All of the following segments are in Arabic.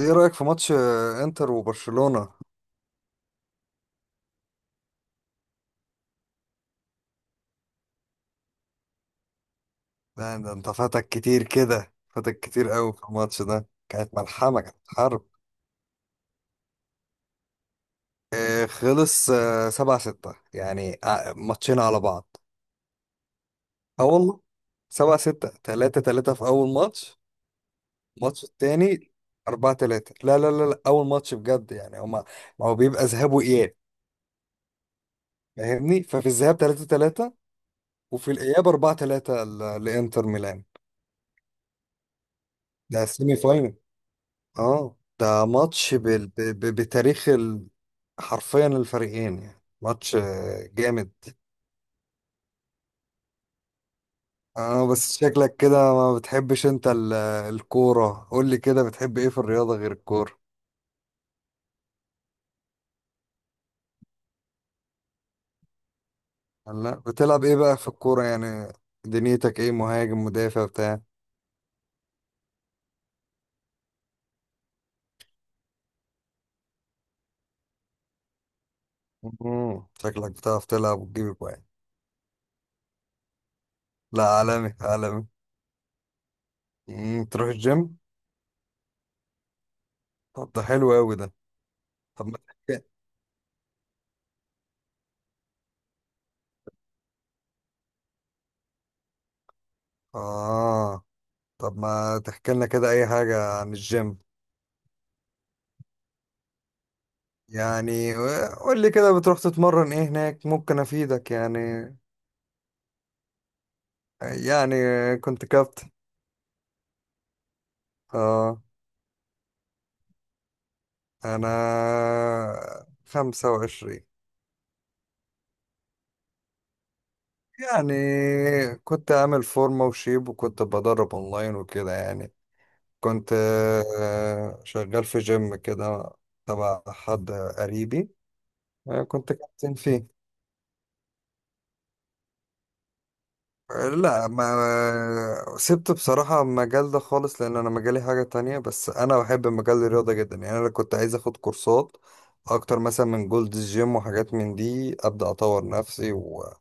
ايه رأيك في ماتش انتر وبرشلونة؟ ده انت فاتك كتير كده، فاتك كتير قوي في الماتش ده، كانت ملحمة، كانت حرب. خلص 7-6 يعني، ماتشين على بعض. اه والله، 7-6، 3-3 في أول ماتش. الماتش التاني 4-3. لا لا لا لا، أول ماتش بجد يعني هما. ما هو بيبقى ذهاب وإياب، فاهمني؟ ففي الذهاب 3-3 وفي الإياب 4-3 لإنتر ميلان. ده سيمي فاينل. اه، ده ماتش بتاريخ حرفيا الفريقين يعني، ماتش جامد. اه، بس شكلك كده ما بتحبش انت الكورة. قول لي كده، بتحب ايه في الرياضة غير الكورة؟ لا، بتلعب ايه بقى في الكورة يعني؟ دنيتك ايه، مهاجم، مدافع، بتاع؟ شكلك بتعرف تلعب وتجيب اجوان. لا، عالمي عالمي. تروح الجيم؟ طب ده حلو قوي ده. طب ما تحكي. اه. طب ما تحكي لنا كده اي حاجة عن الجيم. يعني قول لي كده، بتروح تتمرن ايه هناك؟ ممكن افيدك يعني. يعني كنت كابتن. اه. انا 25. يعني كنت عامل فورمة وشيب، وكنت بدرب اونلاين وكده يعني. كنت شغال في جيم كده تبع حد قريبي. كنت كابتن فيه. لا، ما سبت بصراحة المجال ده خالص، لأن أنا مجالي حاجة تانية، بس أنا بحب مجال الرياضة جدا يعني. أنا كنت عايز أخد كورسات أكتر، مثلا من جولد جيم وحاجات من دي، أبدأ أطور نفسي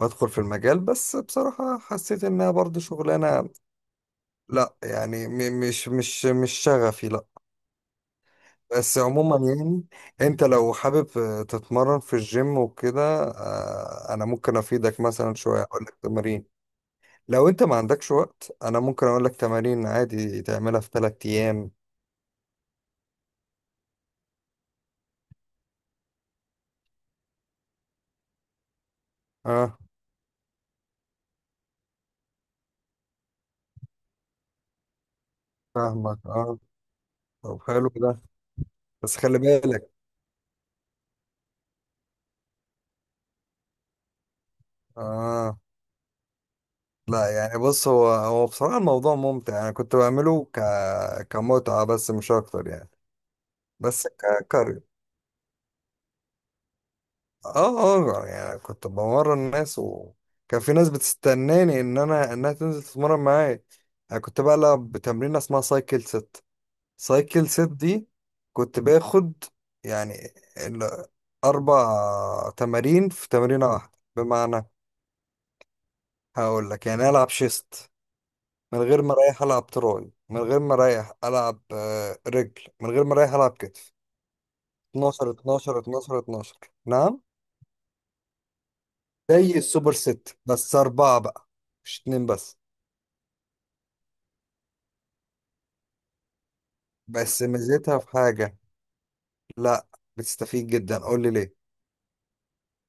وأدخل في المجال. بس بصراحة حسيت إنها برضه شغلانة، لا يعني مش شغفي، لا. بس عموما يعني، أنت لو حابب تتمرن في الجيم وكده أنا ممكن أفيدك، مثلا شوية أقول لك تمارين. لو انت ما عندكش وقت، انا ممكن اقول لك تمارين عادي تعملها في 3 ايام. اه. فاهمك، اه. طب حلو ده. بس خلي بالك. اه. لا يعني، بص هو بصراحة الموضوع ممتع، انا كنت بعمله كمتعة، بس مش اكتر يعني. بس ككاري. اه. اه يعني كنت بمرن الناس، وكان في ناس بتستناني ان انها تنزل تتمرن معايا. انا كنت بلعب بتمرين اسمها سايكل ست، سايكل سيت دي. كنت باخد يعني أربع تمارين في تمرينة واحدة. بمعنى هقول لك، يعني ألعب شيست، من غير ما أريح ألعب تراي، من غير ما أريح ألعب رجل، من غير ما أريح ألعب كتف. 12 12 12 12. نعم. زي السوبر ست بس أربعة بقى، مش اتنين بس. بس ميزتها في حاجة. لا، بتستفيد جدا، قول لي ليه.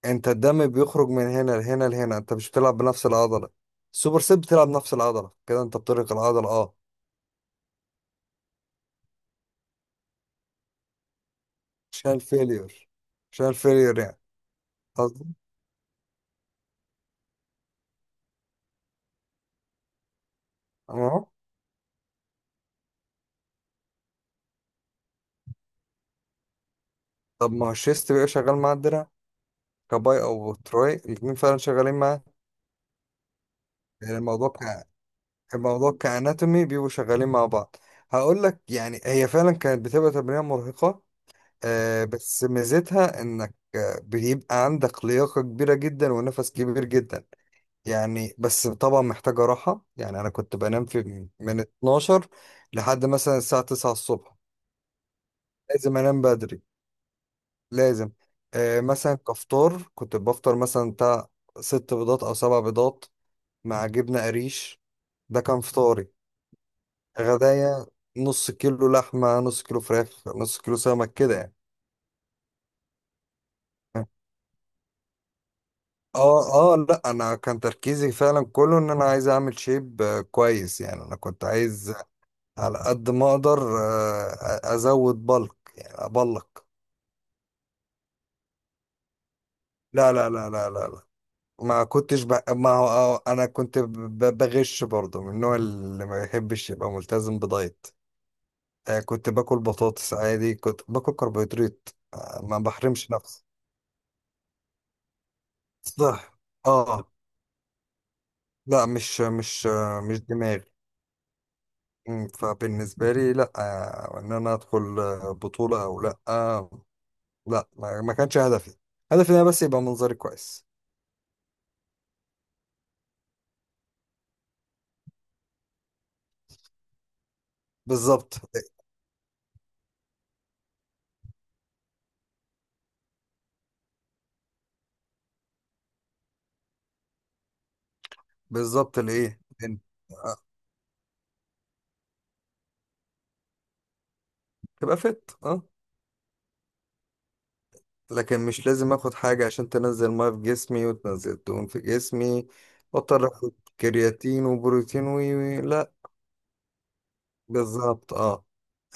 انت الدم بيخرج من هنا لهنا لهنا، انت مش بتلعب بنفس العضله. السوبر سيت بتلعب نفس العضله، كده انت بترهق العضله، اه. عشان الفيلير، عشان الفيلير يعني. قصدي، اهو. طب ما هو الشيست بيبقى شغال مع الدراع، كباي او تراي الاتنين فعلا شغالين مع. يعني الموضوع الموضوع كاناتومي بيبقوا شغالين مع بعض. هقول لك، يعني هي فعلا كانت بتبقى تمرينه مرهقه. آه، بس ميزتها انك بيبقى عندك لياقه كبيره جدا ونفس كبير جدا يعني. بس طبعا محتاجة راحة يعني. أنا كنت بنام في من 12 لحد مثلا الساعة 9 الصبح. لازم أنام بدري، لازم. آه، مثلا كفطار كنت بفطر، مثلا بتاع ست بيضات أو سبع بيضات مع جبنة قريش. ده كان فطاري. غدايا، نص كيلو لحمة، نص كيلو فراخ، نص كيلو سمك كده يعني. اه اه، لا، انا كان تركيزي فعلا كله ان انا عايز اعمل شيب كويس يعني. انا كنت عايز على قد ما اقدر ازود بلك، يعني ابلك. لا لا لا لا لا لا، ما كنتش ما هو انا كنت بغش برضه من النوع اللي ما يحبش يبقى ملتزم بدايت. كنت باكل بطاطس عادي، كنت باكل كربوهيدرات، ما بحرمش نفسي. صح. اه. لا، مش دماغي. فبالنسبة لي، لا ان انا ادخل بطولة او لا لا، ما كانش هدفي. هدفي ان انا بس يبقى منظري كويس. بالظبط. بالظبط لإيه؟ آه، تبقى فت، اه. لكن مش لازم اخد حاجة عشان تنزل مية في جسمي وتنزل دهون في جسمي، واضطر اخد كرياتين وبروتين وي، وي لا. بالظبط، اه.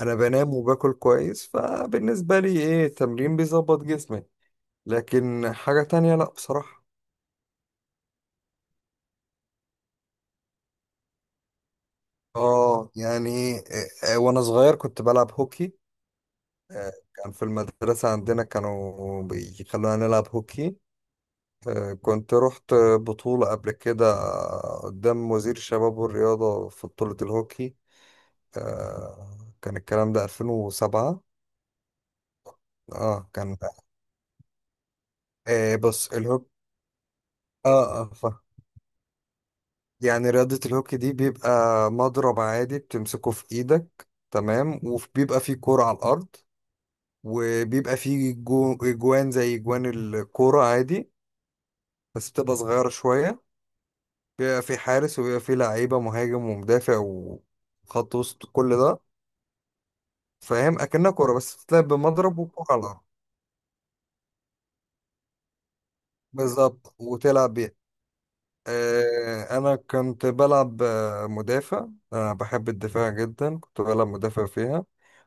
انا بنام وباكل كويس، فبالنسبة لي ايه، التمرين بيظبط جسمي. لكن حاجة تانية، لا بصراحة. اه يعني وانا صغير كنت بلعب هوكي. كان في المدرسة عندنا، كانوا بيخلونا نلعب هوكي. كنت رحت بطولة قبل كده قدام وزير الشباب والرياضة في بطولة الهوكي. كان الكلام ده 2007. اه كان، بص الهوكي. اه اه، يعني رياضة الهوكي دي بيبقى مضرب عادي بتمسكه في ايدك تمام، وبيبقى فيه كورة على الأرض، وبيبقى فيه جوان زي جوان الكورة عادي بس بتبقى صغيرة شوية. بيبقى فيه حارس، وبيبقى فيه لعيبة، مهاجم ومدافع وخط وسط، كل ده. فاهم، اكنها كوره بس بتلعب بمضرب وكوره على الارض. بالظبط وتلعب بيها. انا كنت بلعب مدافع. انا بحب الدفاع جدا، كنت بلعب مدافع فيها.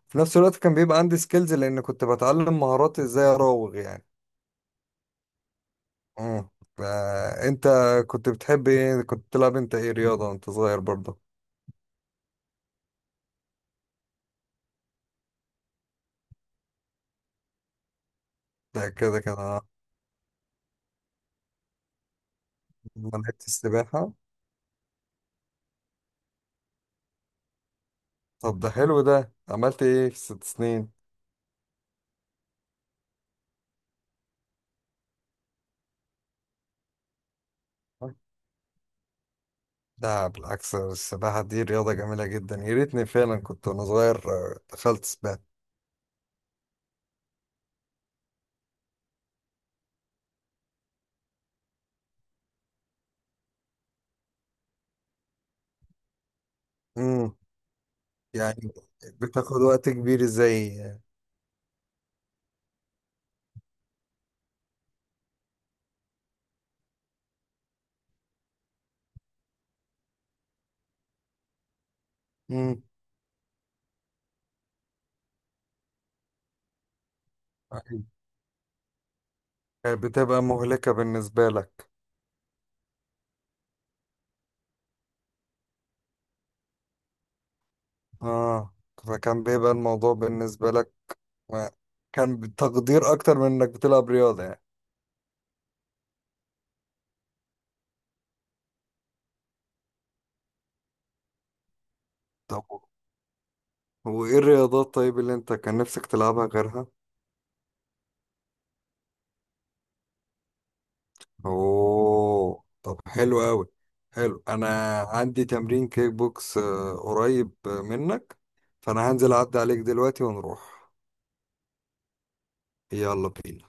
في نفس الوقت كان بيبقى عندي سكيلز، لان كنت بتعلم مهارات ازاي اراوغ يعني. امم. انت كنت بتحب ايه؟ كنت بتلعب انت ايه رياضه وانت صغير برضه؟ ده كده كده أنا. لعبت السباحه. طب ده حلو ده، عملت ايه في 6 سنين؟ لا بالعكس، السباحة دي رياضة جميلة جدا، يا ريتني فعلا كنت وأنا صغير دخلت سباحة. امم. يعني بتاخد وقت كبير ازاي؟ امم. بتبقى مهلكة بالنسبة لك. اه. فكان بيبقى الموضوع بالنسبة لك، ما- كان بتقدير أكتر من إنك بتلعب رياضة يعني. طب وإيه الرياضات طيب اللي أنت كان نفسك تلعبها غيرها؟ اوه، طب حلو قوي. حلو، انا عندي تمرين كيك بوكس قريب منك، فانا هنزل اعدي عليك دلوقتي ونروح. يلا بينا.